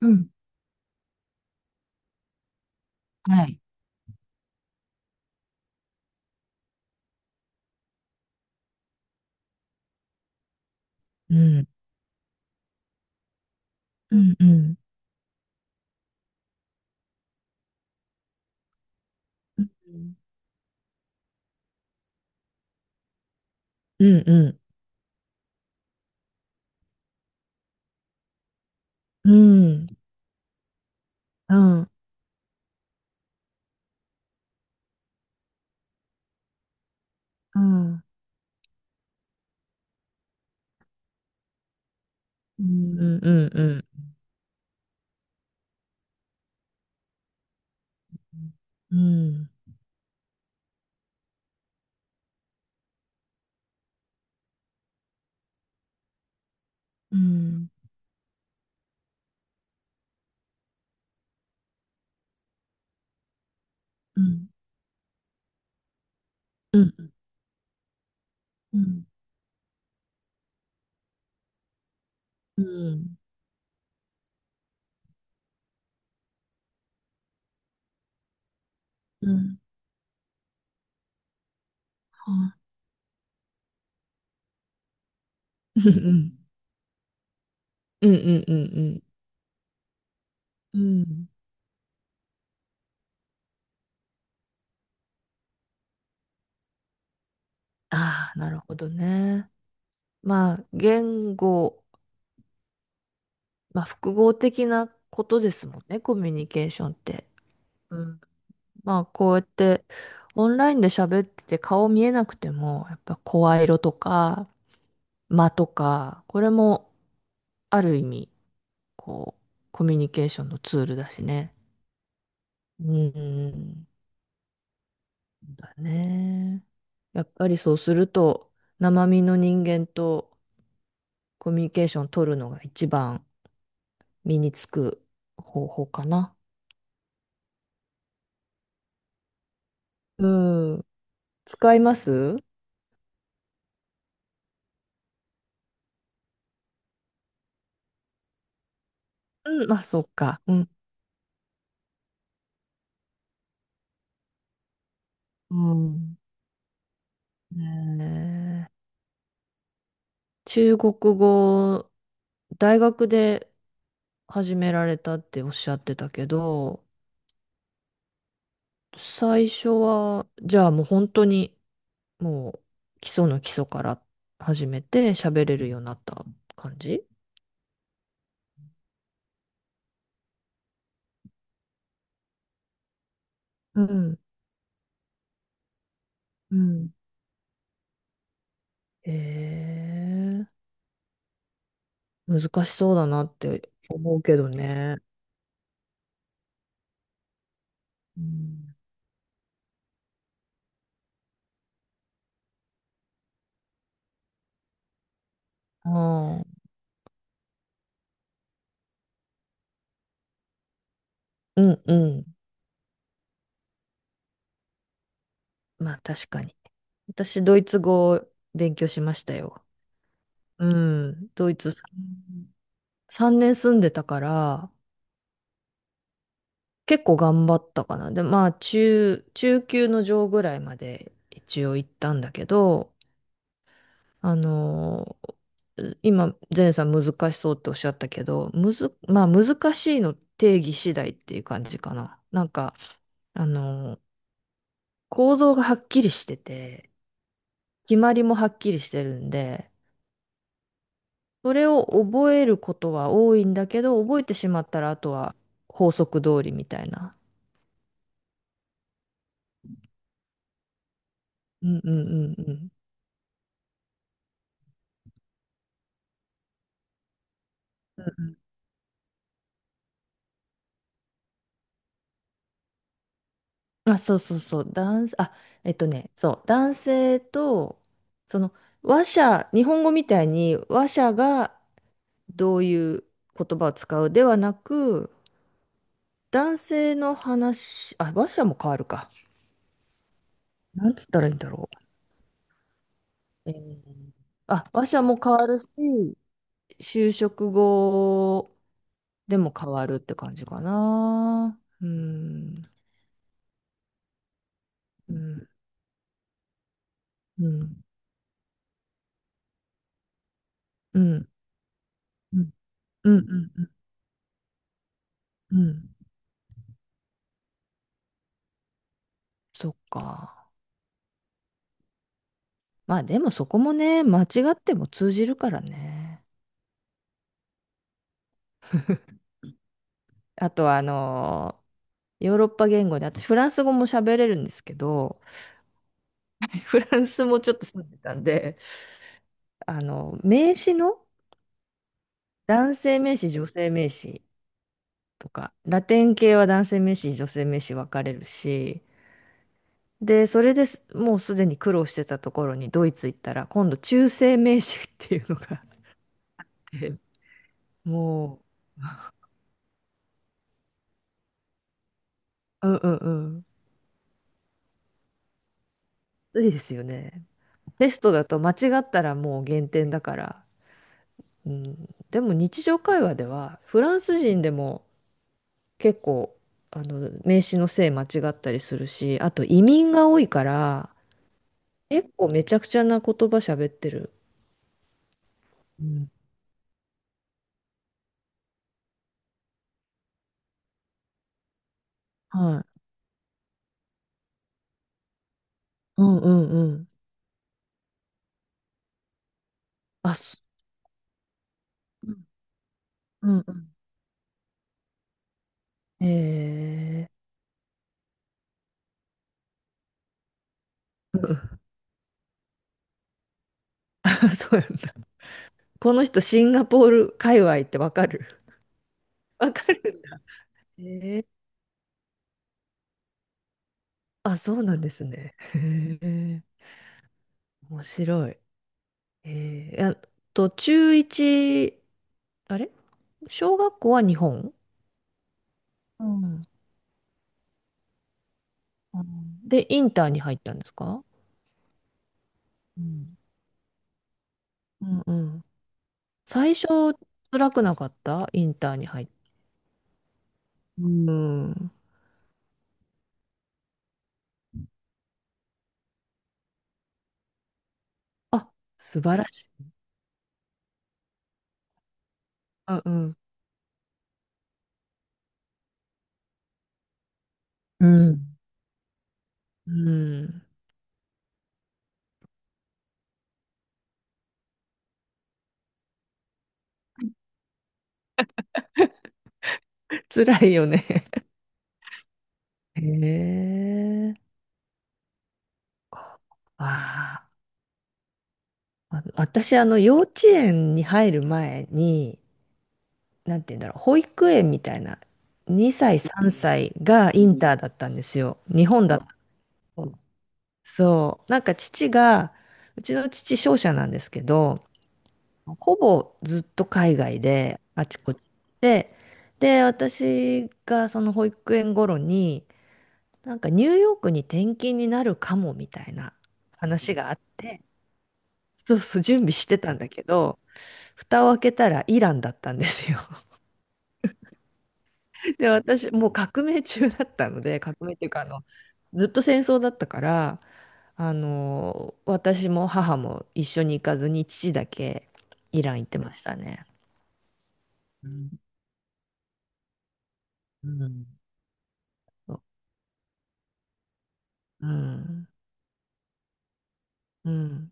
うん。はい。うん、うん、うん。うん。うんうん。うん。うん。うん。うんうん。うんうんうん。うん。うん。うん。うん。うん。うん。はうんうんうんうんうん。うん。ああ、なるほどね。まあ、言語、まあ、複合的なことですもんね、コミュニケーションって。うん。まあ、こうやって、オンラインで喋ってて顔見えなくても、やっぱ声色とか、間とか、これもある意味、こう、コミュニケーションのツールだしね。うん。だね。やっぱりそうすると、生身の人間とコミュニケーション取るのが一番身につく方法かな。うん。使います？うん、あ、そっか。うん。うん。ねえ、中国語、大学で始められたっておっしゃってたけど、最初は、じゃあもう本当に、もう基礎の基礎から始めて喋れるようになった感じ？うん、うん。へえ、難しそうだなって思うけどね。うん、ああ、うんうん。まあ確かに。私、ドイツ語を勉強しましたよ。うん、ドイツさん3年住んでたから、結構頑張ったかな。で、まあ、中級の上ぐらいまで一応行ったんだけど、あのー今、ゼンさん難しそうっておっしゃったけど、むず、まあ、難しいの定義次第っていう感じかな。なんか、あのー構造がはっきりしてて、決まりもはっきりしてるんで、それを覚えることは多いんだけど、覚えてしまったら、あとは法則通りみたいな。うんうんうんうん。うんうん、あ、そうそうそう、そう、男性と、その、話者、日本語みたいに話者がどういう言葉を使うではなく、男性の話、あ、話者も変わるか。なんつったらいいんだろう。あ、話者も変わるし、就職後でも変わるって感じかな。うん、うん、うん、うん、うん、うん、うん、うん、うん、そっか。まあでもそこもね、間違っても通じるからね。あとはヨーロッパ言語で、私フランス語も喋れるんですけど、フランスもちょっと住んでたんで、あの、名詞の男性名詞、女性名詞とか、ラテン系は男性名詞、女性名詞分かれるし、で、それですもうすでに苦労してたところにドイツ行ったら、今度中性名詞っていうのがあって、もう、うんうんうん、ついですよね。テストだと間違ったらもう減点だから、うん、でも日常会話ではフランス人でも結構あの名詞の性間違ったりするし、あと移民が多いから結構めちゃくちゃな言葉喋ってる。うん、はい。うんうんうん。あ、そう、んうんうん。えうん、 そうなんだ。この人シンガポール界隈ってわかる？わかるんだ。えー、あ、そうなんですね。へえ、面白い。あと、中一、あれ、小学校は日本、うん、うん、で、インターに入ったんですか？うん。うんうん。最初、辛くなかった？インターに入った。うん、あ、素晴らしい。うんうん。うん。うん。辛いよね。へえ。ああ。あの、私、あの、幼稚園に入る前に、なんて言うんだろう、保育園みたいな、2歳、3歳がインターだったんですよ。日本だった。そう。なんか父が、うちの父商社なんですけど、ほぼずっと海外で、あちこちで、で、私がその保育園頃に、なんかニューヨークに転勤になるかもみたいな話があって、そうそう、準備してたんだけど、蓋を開けたらイランだったんですよ。で、私、もう革命中だったので、革命っていうか、あの、ずっと戦争だったから、あの、私も母も一緒に行かずに、父だけイラン行ってましたね。うん。そう、うん。うん。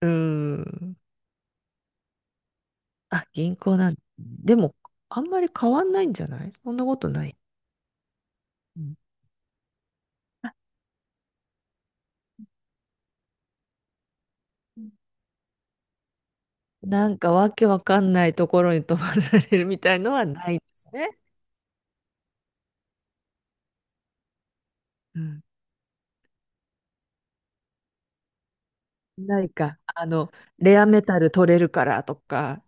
うん。あ、銀行なんだ、でも、あんまり変わんないんじゃない？そんなことない？うん、なんかわけわかんないところに飛ばされるみたいのはないですね。うん。ないか。あの、レアメタル取れるからとか、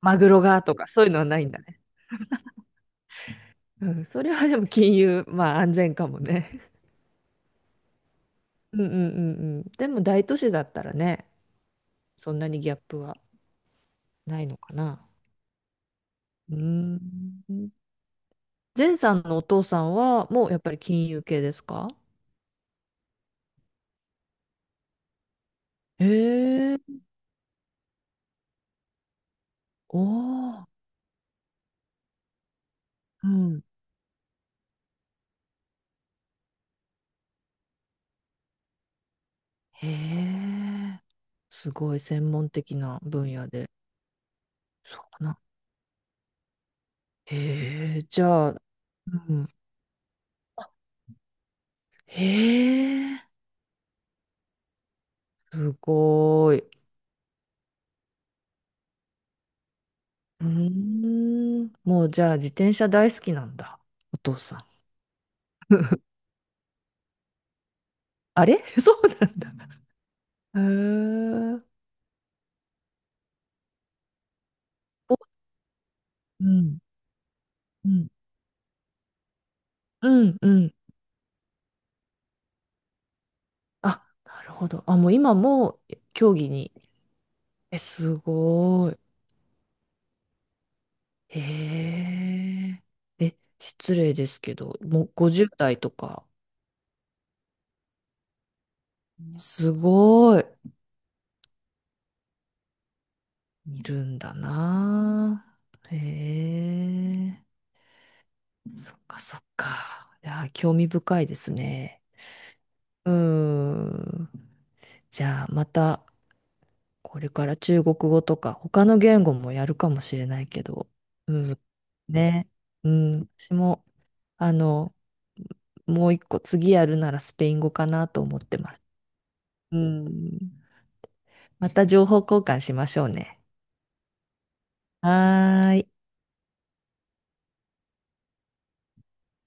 マグロがとか、そういうのはないんだね。うん、それはでも金融、まあ安全かもね。うんうんうんうん。でも大都市だったらね、そんなにギャップはないのかな。うーん。前さんのお父さんはもうやっぱり金融系ですか？へえ、おお、うん。へえ、すごい専門的な分野で。そうかな。へえ、じゃあ、うん。へえ、すごい。うーん。もうじゃあ自転車大好きなんだ。お父さん。あれ、 そうなんだ。へえ。お、うん、うん、うん、うん。あ、なるほど。あ、もう今も競技に。え、すごい。へえ。え、失礼ですけど、もう50代とか、すごい。いるんだな。へえ。そっかそっか。いや、興味深いですね。うーん。じゃあまたこれから中国語とか他の言語もやるかもしれないけど、うん、ね、うん、私もあのもう一個次やるならスペイン語かなと思ってます。うん、また情報交換しましょうね。はーい。